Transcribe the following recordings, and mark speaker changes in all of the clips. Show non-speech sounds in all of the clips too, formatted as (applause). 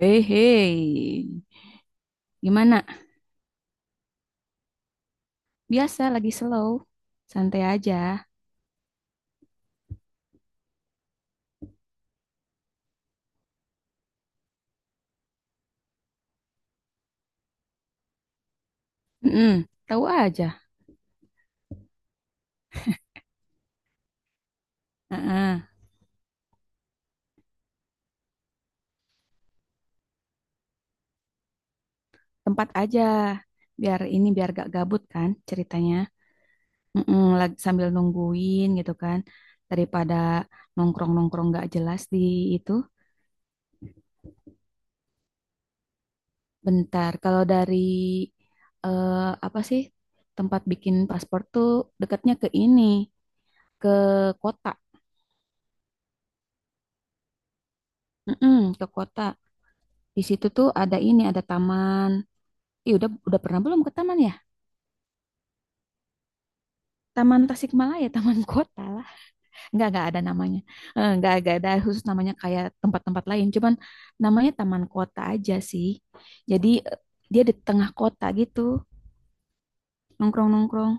Speaker 1: Hei, hei, gimana? Biasa lagi slow, santai aja. Mm-mm, tahu aja. Heeh, tempat aja, biar ini biar gak gabut kan ceritanya. Mm-mm, lagi sambil nungguin gitu kan, daripada nongkrong-nongkrong gak jelas di itu. Bentar, kalau dari eh, apa sih tempat bikin paspor tuh dekatnya ke ini, ke kota. Mm-mm, ke kota. Di situ tuh ada ini, ada taman. Iya, udah pernah belum ke taman ya? Taman Tasikmalaya, Taman (laughs) Kota lah. Enggak ada namanya. Eh, enggak ada khusus namanya kayak tempat-tempat lain, cuman namanya Taman Kota aja sih. Jadi dia di tengah kota gitu, nongkrong-nongkrong.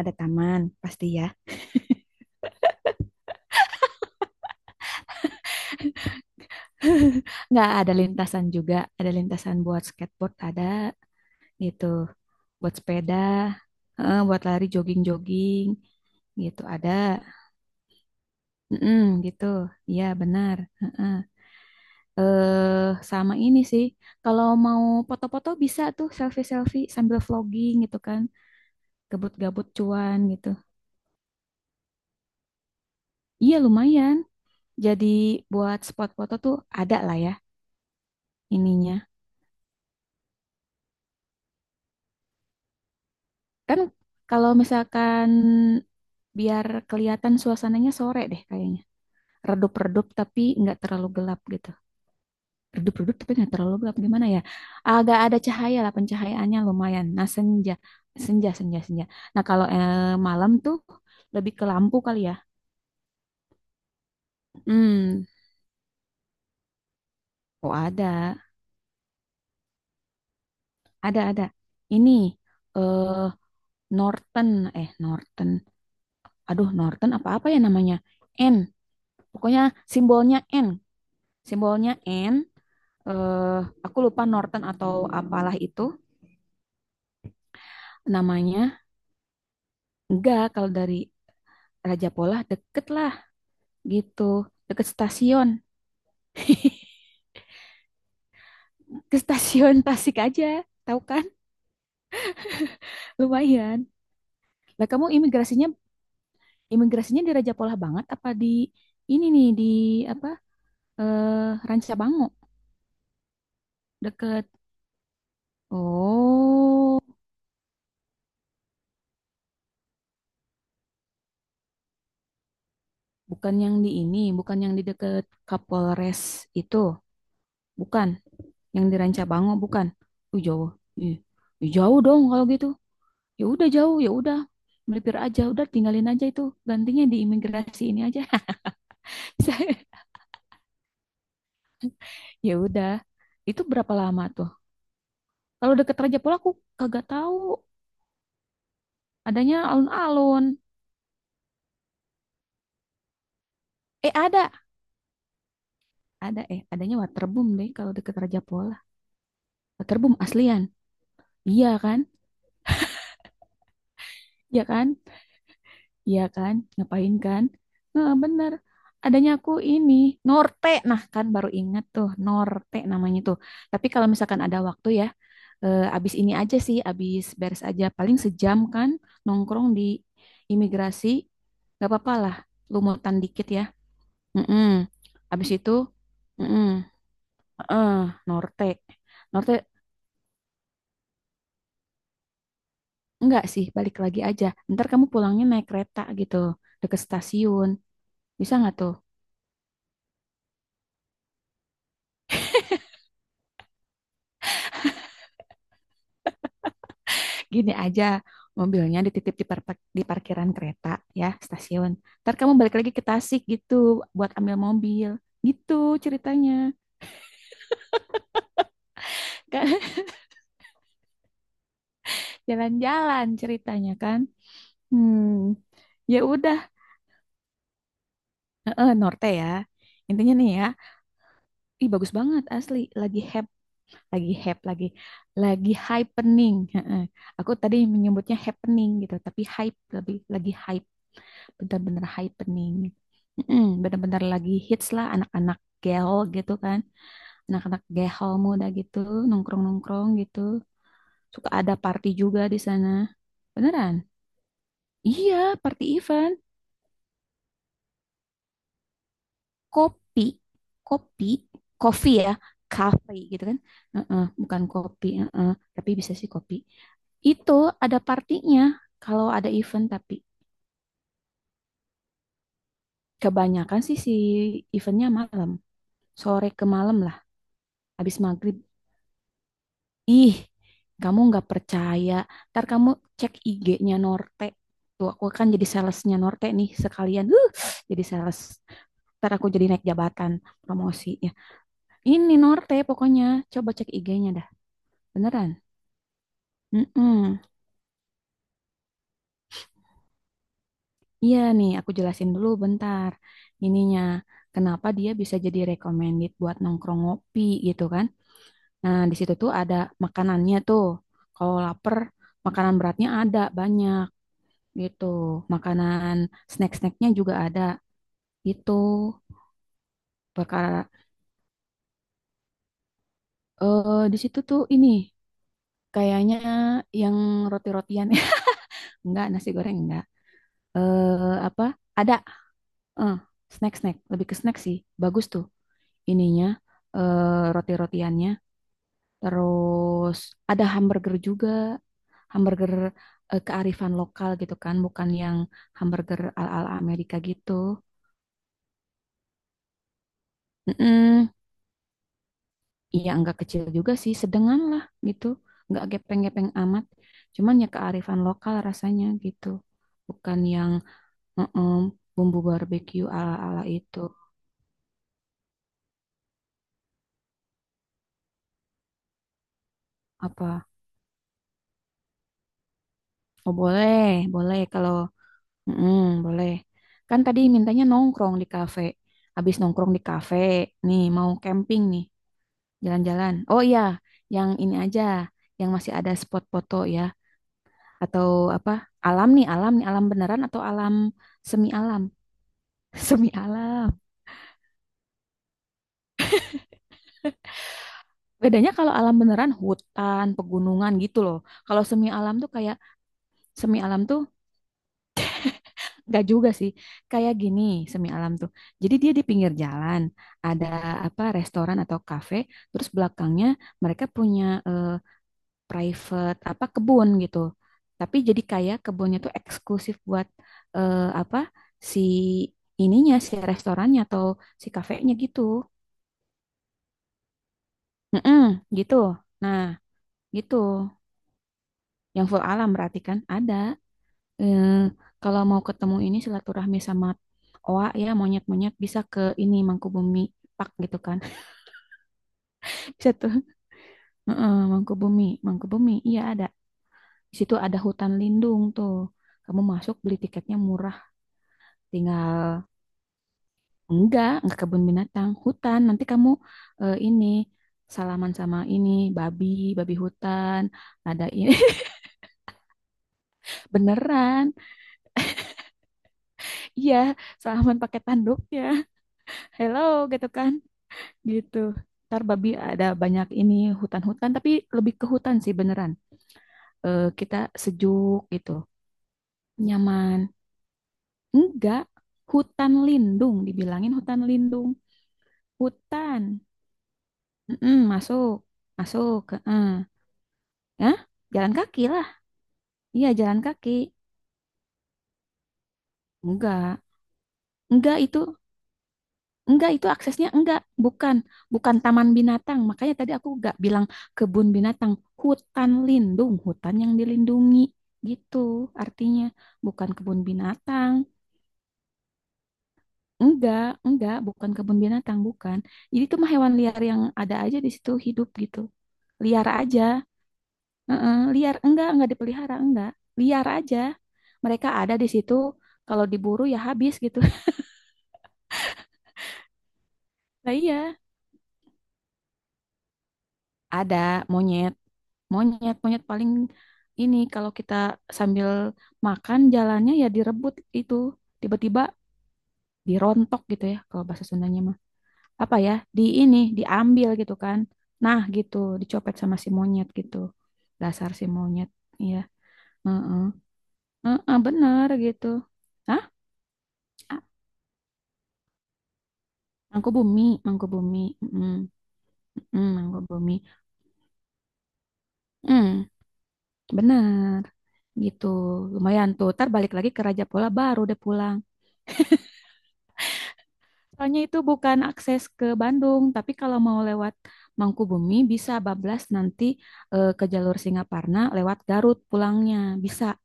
Speaker 1: Ada taman pasti ya. Enggak, ada lintasan juga, ada lintasan buat skateboard ada gitu. Buat sepeda, buat lari jogging-jogging gitu ada. Mm-mm, gitu. Iya, benar. Heeh. Eh, sama ini sih. Kalau mau foto-foto bisa tuh selfie-selfie sambil vlogging gitu kan. Gabut-gabut cuan gitu. Iya, lumayan. Jadi buat spot foto tuh ada lah ya ininya. Kan kalau misalkan biar kelihatan suasananya sore deh kayaknya. Redup-redup tapi nggak terlalu gelap gitu. Redup-redup tapi nggak terlalu gelap, gimana ya, agak ada cahaya lah, pencahayaannya lumayan, nah senja, senja, senja, senja, nah kalau malam tuh lebih ke lampu kali ya. Hmm, oh ada ini, eh Norton, Norton, aduh Norton apa-apa ya namanya, N pokoknya, simbolnya N, simbolnya N, eh aku lupa Norton atau apalah itu namanya. Enggak, kalau dari Raja Pola deket lah gitu, deket stasiun. (laughs) Ke stasiun Tasik aja tahu kan lumayan lah. Kamu imigrasinya, imigrasinya di Raja Polah banget apa di ini nih di apa, Rancabango deket? Oh bukan, yang di ini, bukan yang di deket Kapolres itu? Bukan yang di Rancabango? Bukan, jauh. Ih, ih, jauh dong kalau gitu, ya udah jauh, ya udah melipir aja, udah tinggalin aja itu, gantinya di imigrasi ini aja. (laughs) Ya udah. Itu berapa lama tuh? Kalau deket Raja Pola aku kagak tahu. Adanya alun-alun. Eh ada adanya Waterboom deh kalau deket Raja Pola. Waterboom aslian. Iya kan? Iya kan? Iya kan? Ngapain kan? Nah, bener. Adanya aku ini Norte. Nah, kan baru ingat tuh Norte namanya tuh. Tapi kalau misalkan ada waktu ya, abis ini aja sih, abis beres aja paling sejam kan nongkrong di imigrasi. Gak apa-apa lah, lumutan dikit ya. Mm-mm. Habis itu, mm-mm. Heeh, Norte. Norte, enggak sih, balik lagi aja. Ntar kamu pulangnya naik kereta gitu, deket stasiun. Bisa nggak tuh? (laughs) Gini aja, mobilnya dititip di, di parkiran kereta ya, stasiun. Ntar kamu balik lagi ke Tasik gitu, buat ambil mobil. Gitu ceritanya. (laughs) Jalan-jalan ceritanya kan. Hmm, ya udah. Heeh, Norte ya. Intinya nih ya, ih bagus banget asli, lagi heboh, lagi hype, lagi happening. Heeh. Aku tadi menyebutnya happening gitu tapi hype lebih, lagi hype, benar-benar happening. Mm-mm, benar-benar lagi hits lah, anak-anak gaul gitu kan, anak-anak gaul muda gitu nongkrong-nongkrong gitu, suka ada party juga di sana beneran, iya, party event. Kopi, kopi, kopi ya, kafe gitu kan. Heeh, bukan kopi, heeh, tapi bisa sih kopi. Itu ada partinya kalau ada event, tapi kebanyakan sih si eventnya malam, sore ke malam lah, habis maghrib. Ih, kamu nggak percaya. Ntar kamu cek IG-nya Norte. Tuh, aku kan jadi salesnya Norte nih sekalian. Huh, jadi sales. Ntar aku jadi naik jabatan, promosi ya. Ini Norte pokoknya. Coba cek IG-nya dah. Beneran. Mm-mm. Iya nih, aku jelasin dulu bentar. Ininya, kenapa dia bisa jadi recommended buat nongkrong ngopi gitu kan? Nah, di situ tuh ada makanannya tuh. Kalau lapar, makanan beratnya ada banyak gitu. Makanan snack-snacknya juga ada gitu. Perkara di situ tuh ini kayaknya yang roti-rotian (laughs) ya? Enggak nasi goreng enggak. Eh apa? Ada eh snack-snack, lebih ke snack sih. Bagus tuh ininya, roti-rotiannya. Terus ada hamburger juga, hamburger kearifan lokal gitu kan, bukan yang hamburger ala-ala Amerika gitu. Mm-mm. Iya nggak kecil juga sih, sedengan lah gitu, nggak gepeng-gepeng amat. Cuman ya kearifan lokal rasanya gitu, bukan yang mm-mm, bumbu barbeque ala-ala itu. Apa? Oh boleh, boleh kalau mm-mm, boleh. Kan tadi mintanya nongkrong di kafe. Habis nongkrong di kafe, nih mau camping nih, jalan-jalan. Oh iya, yang ini aja, yang masih ada spot foto ya. Atau apa, alam nih, alam nih, alam beneran atau alam semi alam. (laughs) Semi alam. Bedanya kalau alam beneran hutan, pegunungan gitu loh. Kalau semi alam tuh kayak, semi alam tuh nggak juga sih, kayak gini semi alam tuh. Jadi dia di pinggir jalan, ada apa restoran atau kafe, terus belakangnya mereka punya eh, private apa kebun gitu. Tapi jadi kayak kebunnya tuh eksklusif buat eh, apa si ininya, si restorannya atau si kafenya gitu. Mm-mm, gitu. Nah, gitu. Yang full alam berarti kan ada. eh, kalau mau ketemu ini silaturahmi sama oa ya monyet-monyet bisa ke ini Mangkubumi Park gitu kan. (laughs) Bisa tuh. Heeh, Mangkubumi, Mangkubumi. Iya ada. Di situ ada hutan lindung tuh. Kamu masuk beli tiketnya murah, tinggal enggak kebun binatang, hutan. Nanti kamu ini salaman sama ini babi, babi hutan. Ada ini (laughs) beneran. Iya, salaman pakai tanduknya. Hello gitu kan. Gitu. Ntar babi ada banyak ini hutan-hutan, tapi lebih ke hutan sih beneran. Eh, kita sejuk gitu, nyaman. Enggak, hutan lindung, dibilangin hutan lindung. Hutan, mm-mm, masuk, masuk. Heeh. Ya, jalan kaki lah. Iya, jalan kaki. Enggak, enggak itu, enggak, itu aksesnya enggak, bukan, bukan taman binatang. Makanya tadi aku enggak bilang kebun binatang, hutan lindung, hutan yang dilindungi gitu. Artinya bukan kebun binatang. Enggak, enggak, bukan kebun binatang, bukan. Jadi itu mah hewan liar yang ada aja di situ hidup gitu. Liar aja. Heeh, liar enggak dipelihara, enggak. Liar aja. Mereka ada di situ, kalau diburu ya habis gitu. (laughs) Lah iya, ada monyet, monyet, monyet paling ini kalau kita sambil makan jalannya ya direbut itu tiba-tiba, dirontok gitu ya kalau bahasa Sundanya mah, apa ya, di ini, diambil gitu kan, nah gitu, dicopet sama si monyet gitu, dasar si monyet, iya. Heeh. Heeh, bener gitu. Hah? Ah, mangku bumi, mangku bumi. Mm, mm, mangku bumi. Mm, bener gitu, lumayan tuh, ntar balik lagi ke Raja Pola baru deh pulang. Soalnya itu bukan akses ke Bandung, tapi kalau mau lewat Mangkubumi bisa bablas nanti ke jalur Singaparna lewat Garut pulangnya. Bisa.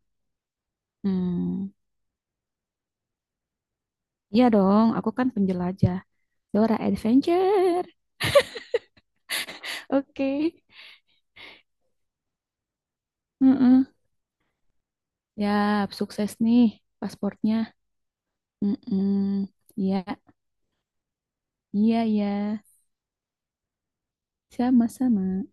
Speaker 1: Hmm, iya dong, aku kan penjelajah. Dora Adventure. Oke. Heeh. Ya, sukses nih pasportnya. Mm-mm. Iya, iya, iya. Sama-sama.